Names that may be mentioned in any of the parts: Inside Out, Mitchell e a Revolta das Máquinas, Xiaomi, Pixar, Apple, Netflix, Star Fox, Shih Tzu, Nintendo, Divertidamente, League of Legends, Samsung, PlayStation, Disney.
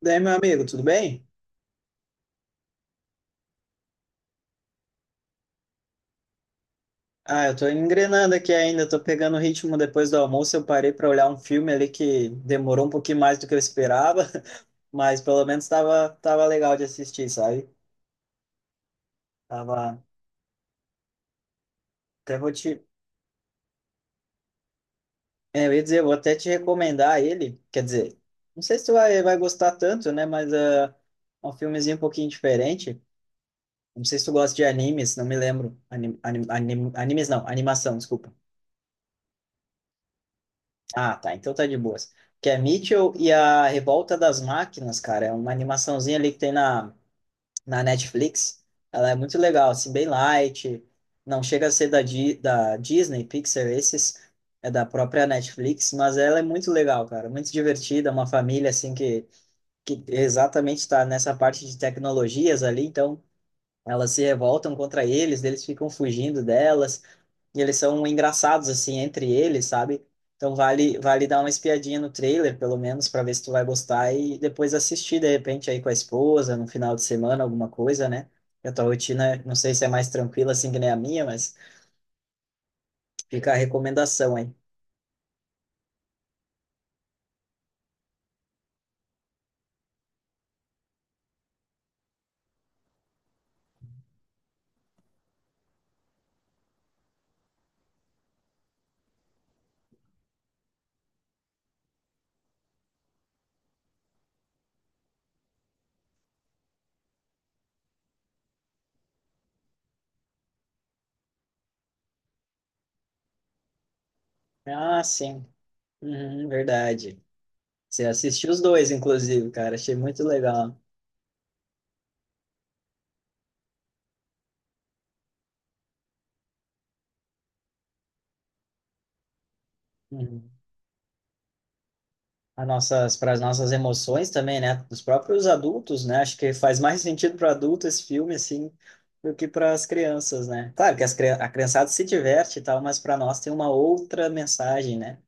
Daí, meu amigo, tudo bem? Ah, eu tô engrenando aqui ainda, tô pegando o ritmo depois do almoço. Eu parei para olhar um filme ali que demorou um pouquinho mais do que eu esperava, mas pelo menos tava legal de assistir, sabe? Tava. Até vou te. É, eu ia dizer, eu vou até te recomendar ele. Quer dizer, não sei se tu vai gostar tanto, né? Mas é um filmezinho um pouquinho diferente. Não sei se tu gosta de animes, não me lembro. Animes não, animação, desculpa. Ah, tá. Então tá de boas. Que é Mitchell e a Revolta das Máquinas, cara. É uma animaçãozinha ali que tem na Netflix. Ela é muito legal, assim, bem light. Não chega a ser da Disney, Pixar, esses. É da própria Netflix, mas ela é muito legal, cara. Muito divertida, uma família, assim, que exatamente está nessa parte de tecnologias ali. Então, elas se revoltam contra eles, eles ficam fugindo delas. E eles são engraçados, assim, entre eles, sabe? Então vale dar uma espiadinha no trailer, pelo menos, para ver se tu vai gostar e depois assistir, de repente, aí com a esposa, no final de semana, alguma coisa, né? E a tua rotina, não sei se é mais tranquila assim que nem a minha, mas fica a recomendação aí. Ah, sim. Uhum, verdade. Você assistiu os dois, inclusive, cara. Achei muito legal. Uhum. Para as nossas emoções também, né? Dos próprios adultos, né? Acho que faz mais sentido para adulto esse filme, assim, do que para as crianças, né? Claro que a criançada se diverte e tal, mas para nós tem uma outra mensagem, né?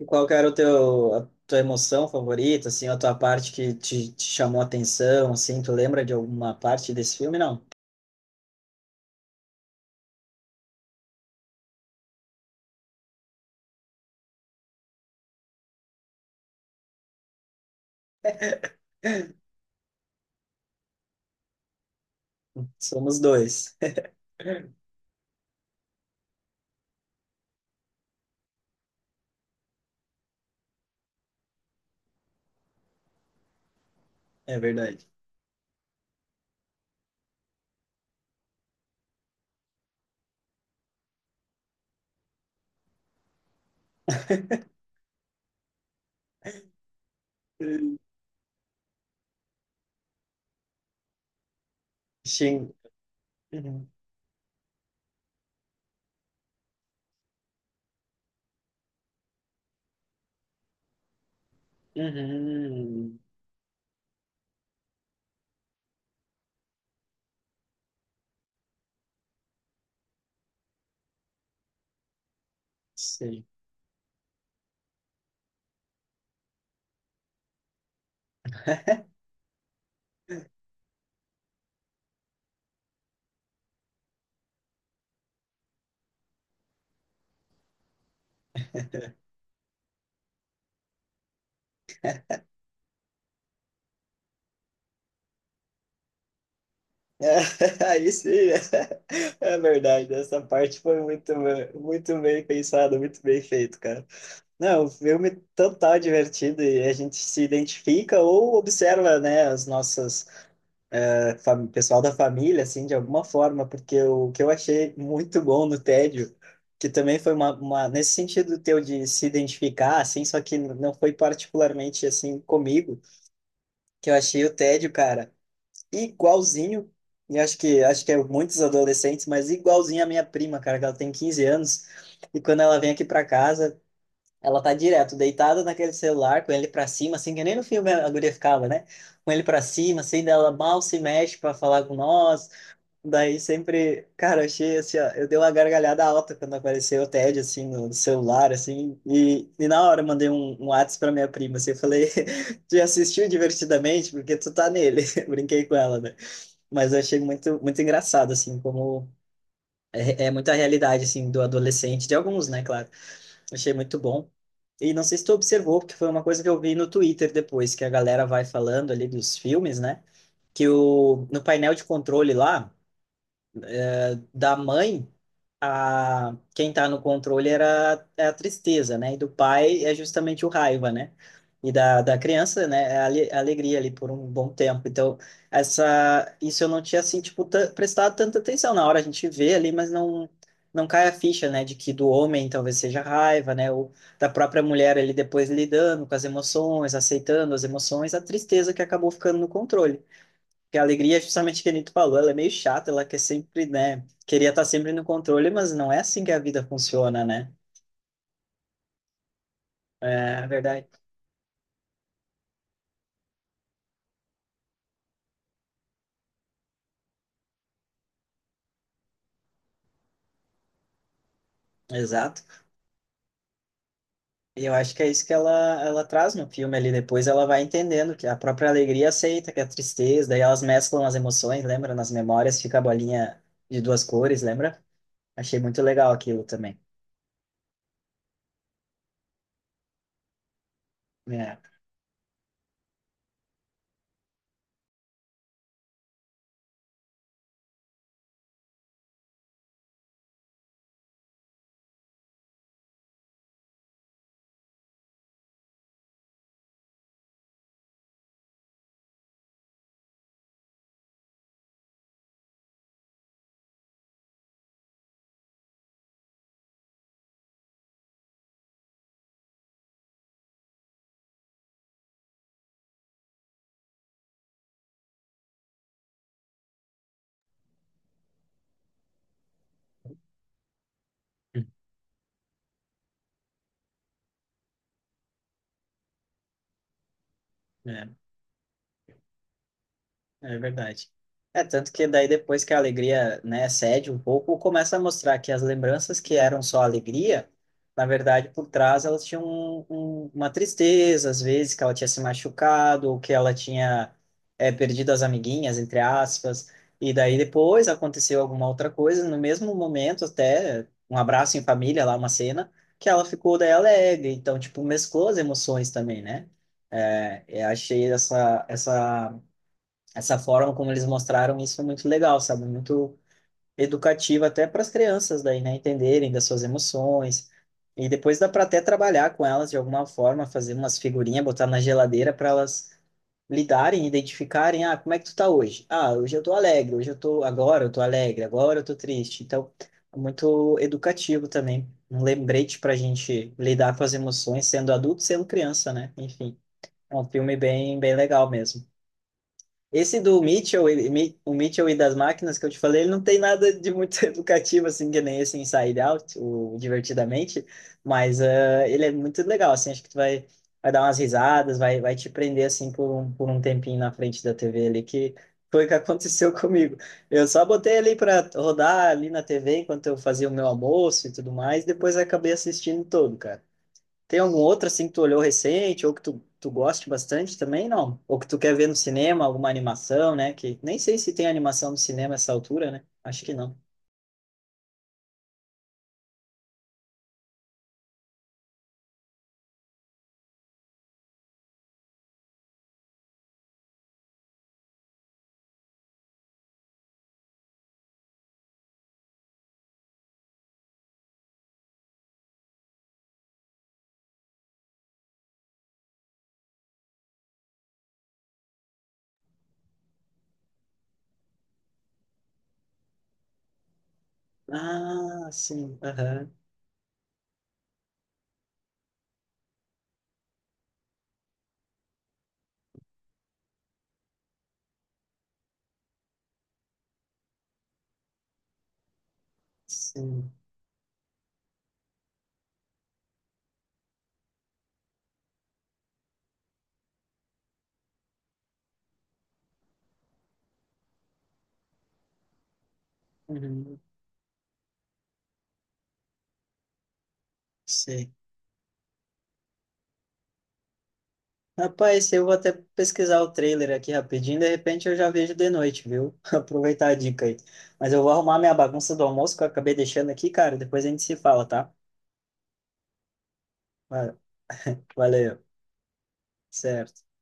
E qual que era o a tua emoção favorita, assim, a tua parte que te chamou a atenção, assim? Tu lembra de alguma parte desse filme? Não. Somos dois. É verdade. Sim. Uhum. Uhum. Sim. É, aí sim, é verdade. Essa parte foi muito bem pensada, muito bem feito, cara. Não, o filme é total divertido e a gente se identifica ou observa, né, as nossas pessoal da família, assim, de alguma forma, porque o que eu achei muito bom no Tédio, que também foi uma nesse sentido teu de se identificar, assim, só que não foi particularmente assim comigo, que eu achei o Tédio, cara igualzinho, e acho que é muitos adolescentes, mas igualzinho a minha prima, cara, que ela tem 15 anos, e quando ela vem aqui pra casa, ela tá direto deitada naquele celular, com ele pra cima, assim, que nem no filme a guria ficava, né? Com ele pra cima, assim, dela mal se mexe pra falar com nós. Daí sempre, cara, eu achei assim, ó, eu dei uma gargalhada alta quando apareceu o TED, assim, no celular, assim, e na hora eu mandei um WhatsApp pra minha prima, assim, eu falei, já assistiu divertidamente, porque tu tá nele, brinquei com ela, né? Mas eu achei muito engraçado, assim, como é muita realidade, assim, do adolescente, de alguns, né, claro. Achei muito bom. E não sei se tu observou, porque foi uma coisa que eu vi no Twitter depois, que a galera vai falando ali dos filmes, né? Que o, no painel de controle lá, da mãe, a quem tá no controle era é a tristeza, né? E do pai é justamente o raiva, né? E da criança, né? É a a alegria ali por um bom tempo. Então, essa isso eu não tinha assim tipo prestado tanta atenção na hora a gente vê ali, mas não cai a ficha, né, de que do homem talvez seja raiva, né, ou da própria mulher ali depois lidando com as emoções, aceitando as emoções, a tristeza que acabou ficando no controle. Porque a alegria é justamente o que a gente falou, ela é meio chata, ela quer sempre, né? Queria estar sempre no controle, mas não é assim que a vida funciona, né? É verdade. Exato. E eu acho que é isso que ela traz no filme ali. Depois ela vai entendendo que a própria alegria aceita, que é a tristeza, daí elas mesclam as emoções, lembra? Nas memórias fica a bolinha de duas cores, lembra? Achei muito legal aquilo também. É. É. É verdade. É tanto que daí depois que a alegria, né, cede um pouco, começa a mostrar que as lembranças que eram só alegria, na verdade, por trás elas tinham uma tristeza, às vezes que ela tinha se machucado, ou que ela tinha perdido as amiguinhas, entre aspas, e daí depois aconteceu alguma outra coisa, no mesmo momento até um abraço em família, lá uma cena, que ela ficou daí alegre, então, tipo, mesclou as emoções também, né? É, eu achei essa forma como eles mostraram isso é muito legal, sabe? Muito educativa até para as crianças daí, né? Entenderem das suas emoções. E depois dá para até trabalhar com elas de alguma forma, fazer umas figurinhas, botar na geladeira para elas lidarem, identificarem, ah, como é que tu tá hoje? Ah, hoje eu tô alegre, agora eu tô alegre, agora eu tô triste. Então, é muito educativo também, um lembrete para a gente lidar com as emoções, sendo adulto, sendo criança, né? Enfim, é um filme bem legal mesmo. Esse do Mitchell, o Mitchell e das máquinas que eu te falei, ele não tem nada de muito educativo, assim, que nem esse Inside Out, o Divertidamente, mas ele é muito legal, assim, acho que vai dar umas risadas, vai te prender, assim, por por um tempinho na frente da TV ali, que foi o que aconteceu comigo. Eu só botei ali para rodar ali na TV enquanto eu fazia o meu almoço e tudo mais, depois acabei assistindo todo, cara. Tem algum outro assim que tu olhou recente ou que tu goste bastante também, não? Ou que tu quer ver no cinema, alguma animação, né? Que nem sei se tem animação no cinema essa altura, né? Acho que não. Ah, sim. Aham. Sim. Uhum. Sei. Rapaz, eu vou até pesquisar o trailer aqui rapidinho, de repente eu já vejo de noite, viu? Aproveitar a dica aí. Mas eu vou arrumar minha bagunça do almoço que eu acabei deixando aqui, cara. Depois a gente se fala, tá? Va- Valeu. Certo.